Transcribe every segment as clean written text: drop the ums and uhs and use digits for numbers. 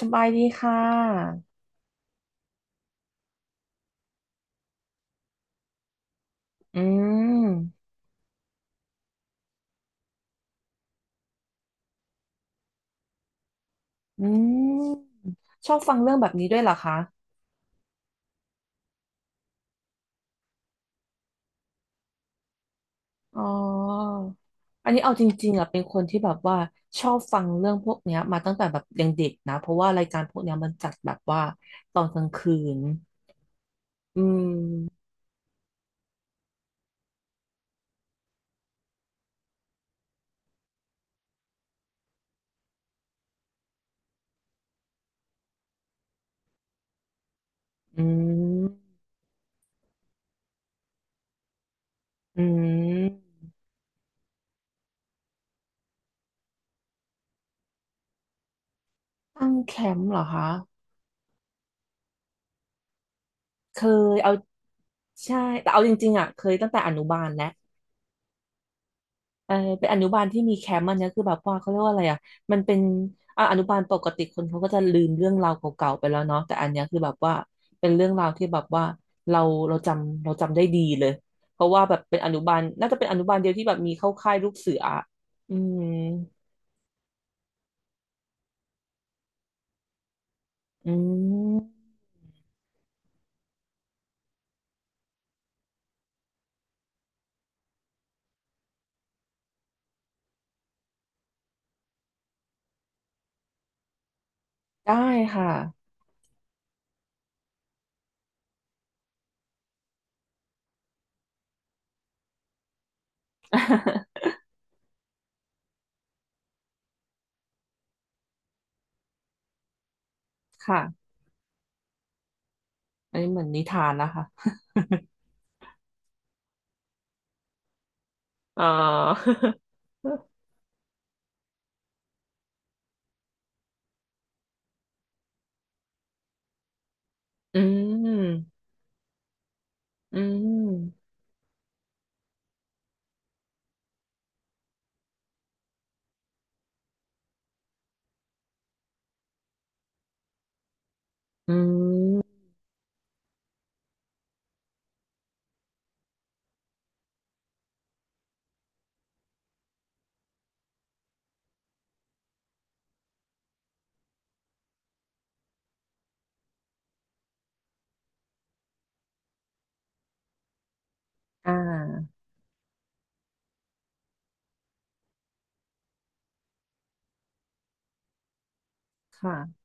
สบายดีค่ะอืมอืมชอบฟังเรื่องแบบนี้ด้วยเหรอคะอ๋ออันนี้เอาจริงๆอ่ะเป็นคนที่แบบว่าชอบฟังเรื่องพวกเนี้ยมาตั้งแต่แบบยังเด็กนะเพราะว่ารายการพวกเนี้ยมันจัดแบบว่าตอนกลางคืนอืมอืมอืมตั้งแคมป์เหรอคะเคยเอาใช่แต่เอาจริงๆอ่ะเคยตั้งแต่อนุบาลแล้ว เออเป็นอนุบาลที่มีแคมป์อันเนี้ยคือแบบว่าเขาเรียกว่าอะไรอ่ะมันเป็นอ่ะอนุบาลปกติคนเขาก็จะลืมเรื่องราวเก่าๆไปแล้วเนาะแต่อันเนี้ยคือแบบว่าเป็นเรื่องราวที่แบบว่าเราเราจำได้ดีเลยเพราะว่าแบบเป็นอนุบาลน่าจะเป็นอนุบาลเดียวที่แบบมีเข้าค่ายลูกเสืออะอืมอืมได้ค่ะ ค่ะอันนี้เหมือนนิทานนะคะอ๋อ อืมอืมอืมอ่าค่ะ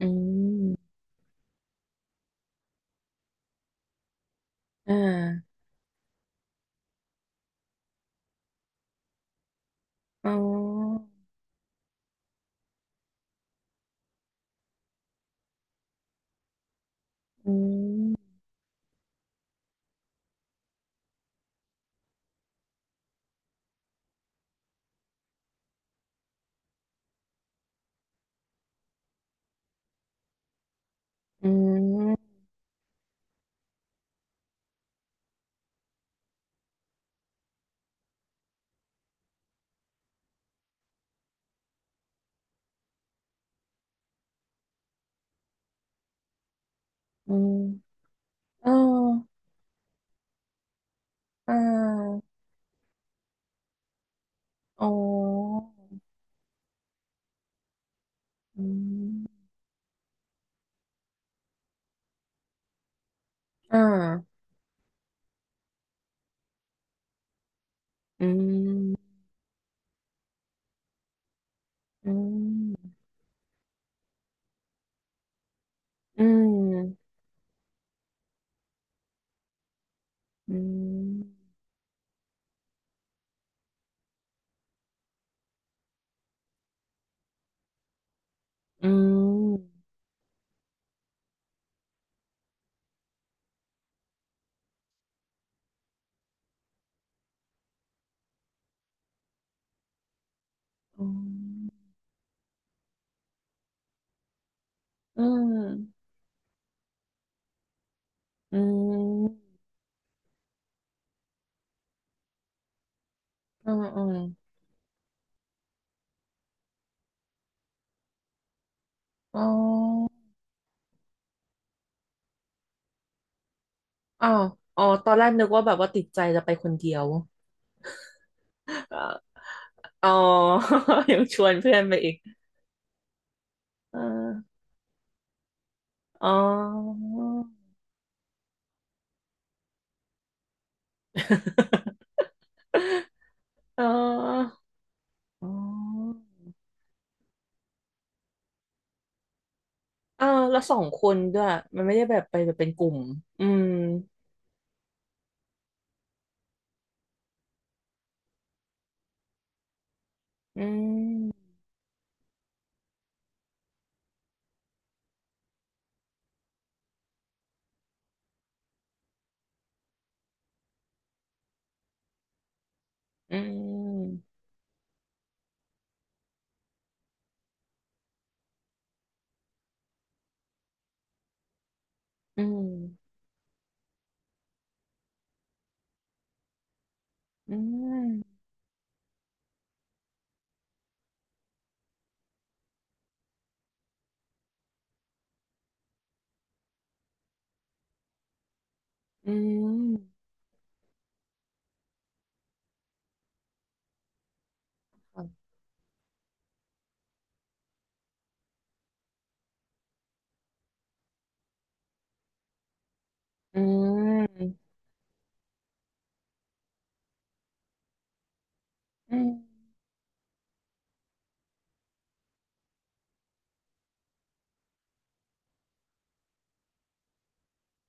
อืม อ่าอ๋ออืมอืมอืมเอออ่าอ๋ออืมอ่าอืมอืมอืมอืมอืมอืมอืมอืมอืมอืมอ๋ออ๋ออ๋อตอนแรกนึกว่าแบบว่าติดใจจะไปคนเดียวเอ่ออ๋อ ยังชวนเพื่อนไปอีกเอออ๋อ เอออ๋ออออแล้วสองคนด้วยมันไม่ได้แบบไปแบบเป็นกลุ่มอืมอืมอืมอืมอืมอืมค่ะอืมอืม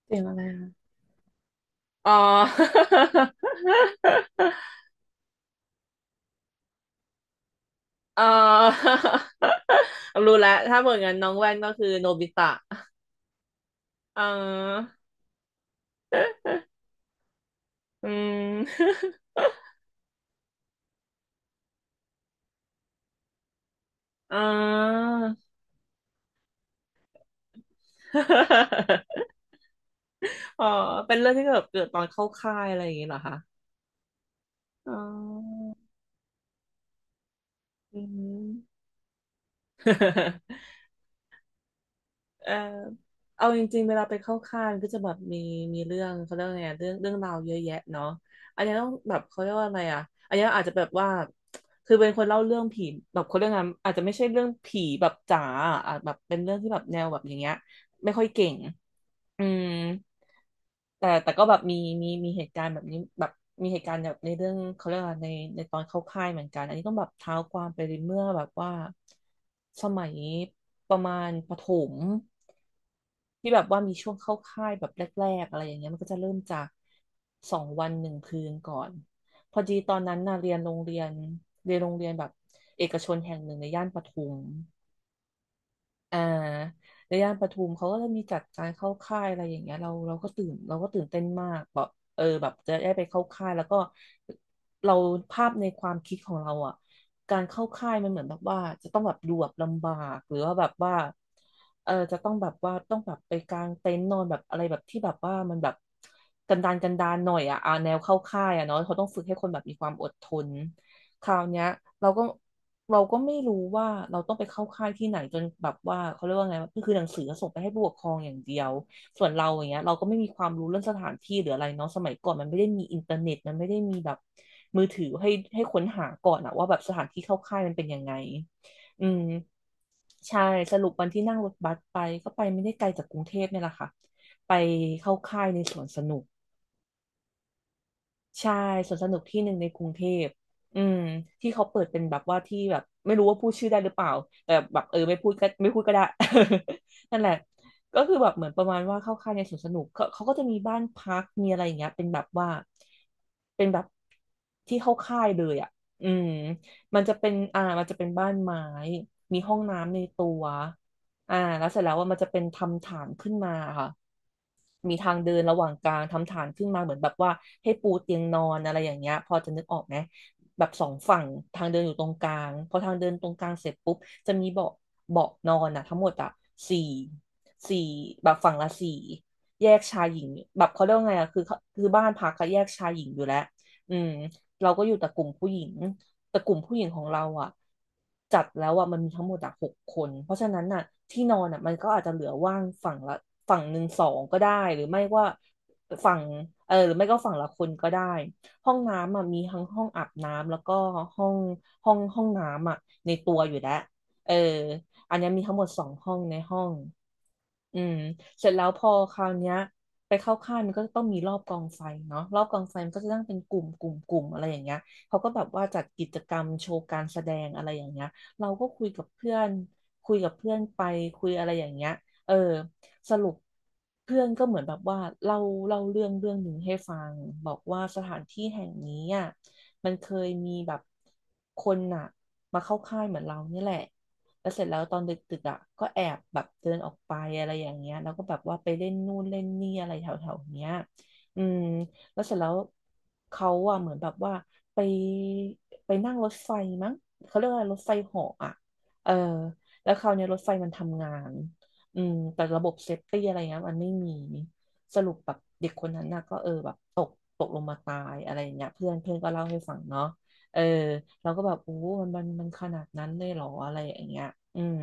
เสียงอะไรอ่ะอ๋อ เออรู้แล้วถ้าเหมือนกันน้องแว่นก็คือโนบิตะเอออืม อ๋อ เออเป็นเรื่องที่แบบเกิดตอนเข้าค่ายอะไรอย่างเงี้ยเหรอคะอ๋ออืม เออเอาจริงๆเวลาไปเข้าค่ายมันก็จะแบบมีมีเรื่องเขาเรียกว่าไงเรื่องราวเยอะแยะเนาะอันนี้ต้องแบบเขาเรียกว่าอะไรอ่ะอันนี้อาจจะแบบว่าคือเป็นคนเล่าเรื่องผีแบบเขาเรื่องงานอะอาจจะไม่ใช่เรื่องผีแบบจ๋าอะอาจแบบเป็นเรื่องที่แบบแนวแบบอย่างเงี้ยไม่ค่อยเก่งอืม แต่ก็แบบมีเหตุการณ์แบบนี้แบบมีเหตุการณ์แบบในเรื่องเขาเรียกว่าในตอนเข้าค่ายเหมือนกันอันนี้ต้องแบบเท้าความไปเมื่อแบบว่าสมัยประมาณประถมที่แบบว่ามีช่วงเข้าค่ายแบบแรกๆอะไรอย่างเงี้ยมันก็จะเริ่มจาก2 วัน 1 คืนก่อนพอดีตอนนั้นน่ะเรียนโรงเรียนเรียนโรงเรียนแบบเอกชนแห่งหนึ่งในย่านปทุม อ่าในย่านปทุมเขาก็จะมีจัดการเข้าค่ายอะไรอย่างเงี้ยเราก็ตื่นเต้นมากแบบเออแบบจะได้ไปเข้าค่ายแล้วก็เราภาพในความคิดของเราอ่ะการเข้าค่ายมันเหมือนแบบว่าจะต้องแบบดูแบบลำบากหรือว่าแบบว่าเออจะต้องแบบว่าต้องแบบไปกางเต็นท์นอนแบบอะไรแบบที่แบบว่ามันแบบกันดารหน่อยอ่ะอ่าแนวเข้าค่ายอ่ะเนาะเขาต้องฝึกให้คนแบบมีความอดทนคราวเนี้ยเราก็ เราก็ไม่รู้ว่าเราต้องไปเข้าค่ายที่ไหนจนแบบว่าเขาเรียกว่าไงก็คือหนังสือส่งไปให้ผู้ปกครองอย่างเดียวส่วนเราอย่างเงี้ยเราก็ไม่มีความรู้เรื่องสถานที่หรืออะไรเนาะสมัยก่อนมันไม่ได้มีอินเทอร์เน็ตมันไม่ได้มีแบบมือถือให้ค้นหาก่อนอะว่าแบบสถานที่เข้าค่ายมันเป็นยังไงอืมใช่สรุปวันที่นั่งรถบัสไปก็ไปไม่ได้ไกลจากกรุงเทพเนี่ยแหละค่ะไปเข้าค่ายในสวนสนุก ใช่สวนสนุกที่หนึ่งในกรุงเทพอืมที่เขาเปิดเป็นแบบว่าที่แบบไม่รู้ว่าพูดชื่อได้หรือเปล่าแต่แบบเออไม่พูดก็ไม่พูดก็ได้ นั่นแหละก็คือแบบเหมือนประมาณว่าเข้าค่ายในสวนสนุกเขาก็จะมีบ้านพักมีอะไรอย่างเงี้ยเป็นแบบว่าเป็นแบบที่เข้าค่ายเลยอ่ะอืมมันจะเป็นอ่ามันจะเป็นบ้านไม้มีห้องน้ำในตัวอ่าแล้วเสร็จแล้วว่ามันจะเป็นทำฐานขึ้นมาค่ะ มีทางเดินระหว่างกลางทำฐานขึ้นมาเหมือนแบบว่าให้ปูเตียงนอนอะไรอย่างเงี้ยพอจะนึกออกไหมแบบสองฝั่งทางเดินอยู่ตรงกลางพอทางเดินตรงกลางเสร็จปุ๊บจะมีเบาะนอนอะทั้งหมดอะสี่สี่แบบฝั่งละสี่แยกชายหญิงแบบเขาเรียกว่าไงอะคือบ้านพักก็แยกชายหญิงอยู่แล้วอืมเราก็อยู่แต่กลุ่มผู้หญิง แต่กลุ่มผู้หญิงของเราอ่ะจัดแล้วอ่ะมันมีทั้งหมดอ่ะ6 คนเพราะฉะนั้นน่ะที่นอนอ่ะมันก็อาจจะเหลือว่างฝั่งละฝั่งหนึ่งสองก็ได้หรือไม่ว่าฝั่งเออหรือไม่ก็ฝั่งละคนก็ได้ห้องน้ำอ่ะมีทั้งห้องอาบน้ำแล้วก็ห้องห้องน้ำอ่ะในตัวอยู่แล้วเอออันเนี้ยมีทั้งหมด2 ห้องในห้องอืมเสร็จแล้วพอคราวเนี้ยไปเข้าค่ายมันก็ต้องมีรอบกองไฟเนาะรอบกองไฟมันก็จะตั้งเป็นกลุ่มกลุ่มกลุ่มอะไรอย่างเงี้ย เขาก็แบบว่าจัดกิจกรรมโชว์การแสดงอะไรอย่างเงี้ยเราก็คุยกับเพื่อนไปคุยอะไรอย่างเงี้ยเออสรุปเพื่อนก็เหมือนแบบว่าเล่าเล่าเรื่องหนึ่งให้ฟังบอกว่าสถานที่แห่งนี้อ่ะมันเคยมีแบบคนอ่ะมาเข้าค่ายเหมือนเรานี่แหละแล้วเสร็จแล้วตอนดึกๆอ่ะก็แอบแบบเดินออกไปอะไรอย่างเงี้ยแล้วก็แบบว่าไปเล่นนู่นเล่นนี่อะไรแถวๆเนี้ยอืม แล้วเสร็จแล้วเขาอะเหมือนแบบว่าไปไปนั่งรถไฟมั้งเขาเรียกว่าอะไรรถไฟเหาะอะเออแล้วคราวเนี้ยรถไฟมันทำงานอืมแต่ระบบเซฟตี้อะไรเงี้ยมันไม่มีสรุปแบบเด็กคนนั้นน่ะก็เออแบบตกลงมาตายอะไรอย่างเงี้ยเพื่อนเพื่อนก็เล่าให้ฟังเนาะเออเราก็แบบโอ้มันขนาดนั้นเลยเหรออะไรอย่างเงี้ยอืม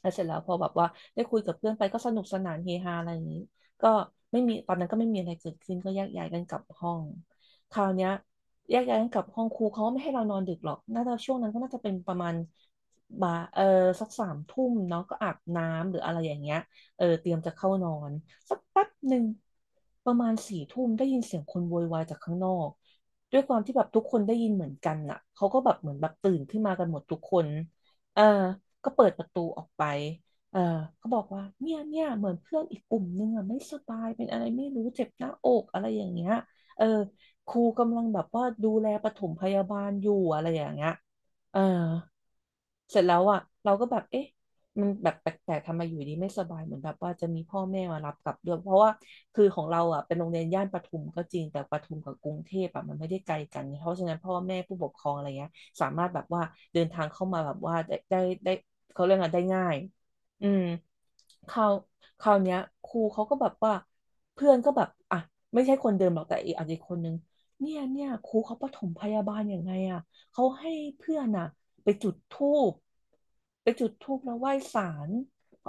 แล้วเสร็จแล้วพอแบบว่าได้คุยกับเพื่อนไปก็สนุกสนานเฮฮาอะไรอย่างนี้ ก็ไม่มีตอนนั้นก็ไม่มีอะไรเกิดขึ้นก็แยกย้ายกันกลับห้องคราวเนี้ยแยกย้ายกันกลับห้องครูเขาก็ไม่ให้เรานอนดึกหรอกน่าจะช่วงนั้นก็น่าจะเป็นประมาณบ่ายเออสัก3 ทุ่มเนาะก็อาบน้ำหรืออะไรอย่างเงี้ยเออเตรียมจะเข้านอนสักแป๊บหนึ่งประมาณ4 ทุ่มได้ยินเสียงคนโวยวายจากข้างนอกด้วยความที่แบบทุกคนได้ยินเหมือนกันน่ะเขาก็แบบเหมือนแบบตื่นขึ้นมากันหมดทุกคนเออก็เปิดประตูออกไป เออเขาบอกว่าเนี่ยเนี่ยเหมือนเพื่อนอีกกลุ่มนึงอ่ะไม่สบายเป็นอะไรไม่รู้เจ็บหน้าอกอะไรอย่างเงี้ย เออครูกำลังแบบว่าดูแลปฐมพยาบาลอยู่อะไรอย่างเงี้ยเออ เสร็จแล้วอ่ะเราก็แบบเอ๊ะมันแบบแปลกๆทำไมอยู่ดีไม่สบายเหมือนแบบว่าจะมีพ่อแม่มารับกลับด้วยเพราะว่าคือของเราอ่ะเป็นโรงเรียนย่านปทุมก็จริงแต่ปทุมกับกรุงเทพอ่ะมันไม่ได้ไกลกันเพราะฉะนั้นพ่อแม่ผู้ปกครองอะไรเงี้ยสามารถแบบว่าเดินทางเข้ามาแบบว่าได้เขาเรียกอะไรได้ง่ายอืมคราวคราวเนี้ยครูเขาก็แบบว่าเพื่อนก็แบบอ่ะไม่ใช่คนเดิมหรอกแต่อีกอาจจะอีกคนนึงเนี่ยเนี่ยครูเขาปฐมพยาบาลยังไงอะ เขาให้เพื่อนอะไปจุดธูปไปจุดธูปแล้วไหว้ศาล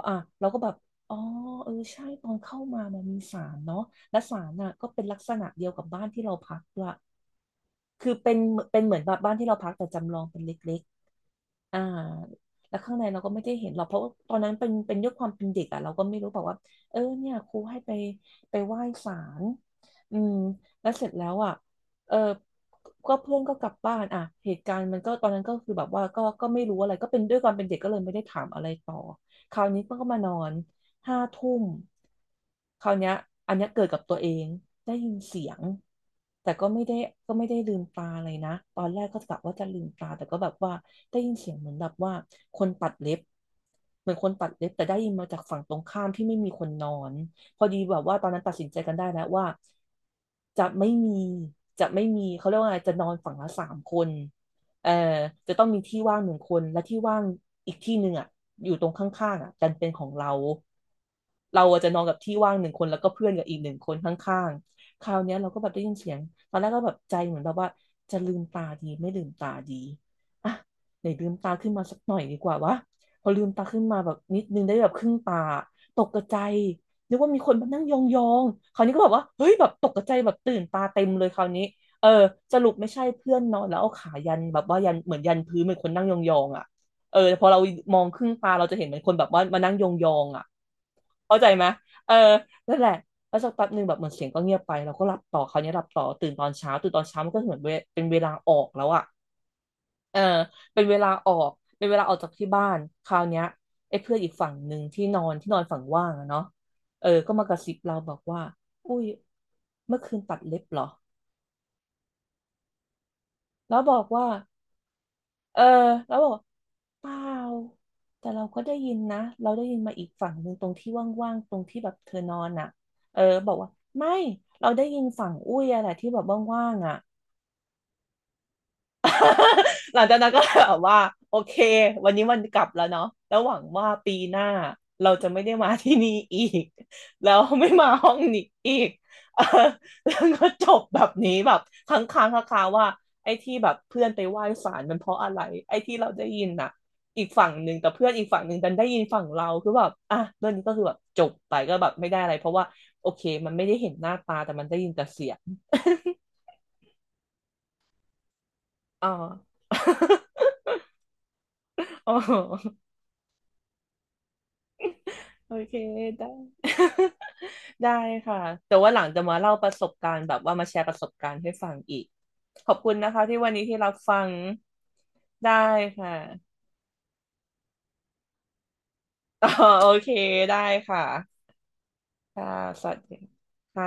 อ่ะเราก็แบบ อ๋อเออใช่ตอนเข้ามามันมีศาลเนาะและศาลน่ะก็เป็นลักษณะเดียวกับบ้านที่เราพักด้วยคือเป็นเหมือนแบบบ้านที่เราพักแต่จำลองเป็นเล็ก อ่าแล้วข้างในเราก็ไม่ได้เห็นหรอกเพราะว่าตอนนั้นเป็นด้วยความเป็นเด็กอ่ะเราก็ไม่รู้บอกว่าเออเนี่ยครูให้ไปไหว้ศาลอืมแล้วเสร็จแล้วอ่ะเออก็เพื่อนก็กลับบ้านอ่ะเหตุการณ์มันก็ตอนนั้นก็คือแบบว่าก็ไม่รู้อะไรก็เป็นด้วยความเป็นเด็กก็เลยไม่ได้ถามอะไรต่อคราวนี้เพื่อนก็มานอน 5 ทุ่มคราวเนี้ยอันเนี้ยเกิดกับตัวเองได้ยินเสียงแต่ก็ไม่ได้ลืมตาเลยนะตอนแรกก็กะว่าจะลืมตาแต่ก็แบบว่าได้ยินเสียงเหมือนแบบว่าคนตัดเล็บเหมือนคนตัดเล็บแต่ได้ยินมาจากฝั่งตรงข้ามที่ไม่มีคนนอนพอดีแบบว่าตอนนั้นตัดสินใจกันได้แล้วว่าจะไม่มีจะไม่มีเขาเรียกว่าอะไรจะนอนฝั่งละ3 คน เออจะต้องมีที่ว่างหนึ่งคนและที่ว่างอีกที่หนึ่งอ่ะอยู่ตรงข้างๆอ่ะดันเป็นของเราเราจะนอนกับที่ว่างหนึ่งคนแล้วก็เพื่อนกับอีกหนึ่งคนข้างๆคราวเนี้ยเราก็แบบได้ยินเสียงตอนแรกก็แบบใจเหมือนเราว่าจะลืมตาดีไม่ลืมตาดีอ่ะไหนลืมตาขึ้นมาสักหน่อยดีกว่าวะพอลืมตาขึ้นมาแบบนิดนึงได้แบบครึ่งตาตกกระใจนึกว่ามีคนมานั่งยองๆคราวนี้ก็แบบว่าเฮ้ยแบบตกกระใจแบบตื่นตาเต็มเลยคราวนี้ เออสรุปไม่ใช่เพื่อนนอนแล้วเอาขายันแบบว่ายันเหมือนยันพื้นเหมือนคนนั่งยองๆอ่ะเออแต่พอเรามองครึ่งตาเราจะเห็นเหมือนคนแบบว่ามานั่งยองๆอ่ะเข้าใจไหมเออนั่นแหละแล้วสักแป๊บหนึ่งแบบเหมือนเสียงก็เงียบไปเราก็หลับต่อคราวนี้หลับต่อตื่นตอนเช้าตื่นตอนเช้ามันก็เหมือนเป็นเวลาออกแล้วอ่ะเออเป็นเวลาออกเป็นเวลาออกจากที่บ้านคราวเนี้ยไอ้เพื่อนอีกฝั่งหนึ่งที่นอนฝั่งว่างอะเนาะเออก็มากระซิบเราบอกว่าอุ้ยเมื่อคืนตัดเล็บเหรอแล้วบอกว่า เออแล้วบอกว่าเปล่าแต่เราก็ได้ยินนะเราได้ยินมาอีกฝั่งหนึ่งตรงที่ว่างๆตรงที่แบบเธอนอนอ่ะเออบอกว่าไม่เราได้ยินฝั่งอุ้ยอะแหละที่แบบว่างๆอ่ะ หลังจากนั้นก็แบบว่าโอเควันนี้วันกลับแล้วเนาะแล้วหวังว่าปีหน้าเราจะไม่ได้มาที่นี่อีก แล้วไม่มาห้องนี้อีก เออแล้วก็จบแบบนี้แบบค้างค้างคาๆว่าไอ้ที่แบบเพื่อนไปไหว้ศาลมันเพราะอะไรไอ้ที่เราได้ยินน่ะอีกฝั่งหนึ่งแต่เพื่อนอีกฝั่งหนึ่งดันได้ยินฝั่งเราคือแบบอ่ะเรื่องนี้ก็คือแบบจบไปก็แบบไม่ได้อะไรเพราะว่าโอเคมันไม่ได้เห็นหน้าตาแต่มันได้ยินแต่เสียง อ๋อ อ๋อ โอเคได้ ได้ค่ะแต่ว่าหลังจะมาเล่าประสบการณ์แบบว่ามาแชร์ประสบการณ์ให้ฟังอีกขอบคุณนะคะที่วันนี้ที่รับฟังได้ค่ะ อ๋อโอเคได้ค่ะค่ะสวัสดีค่ะ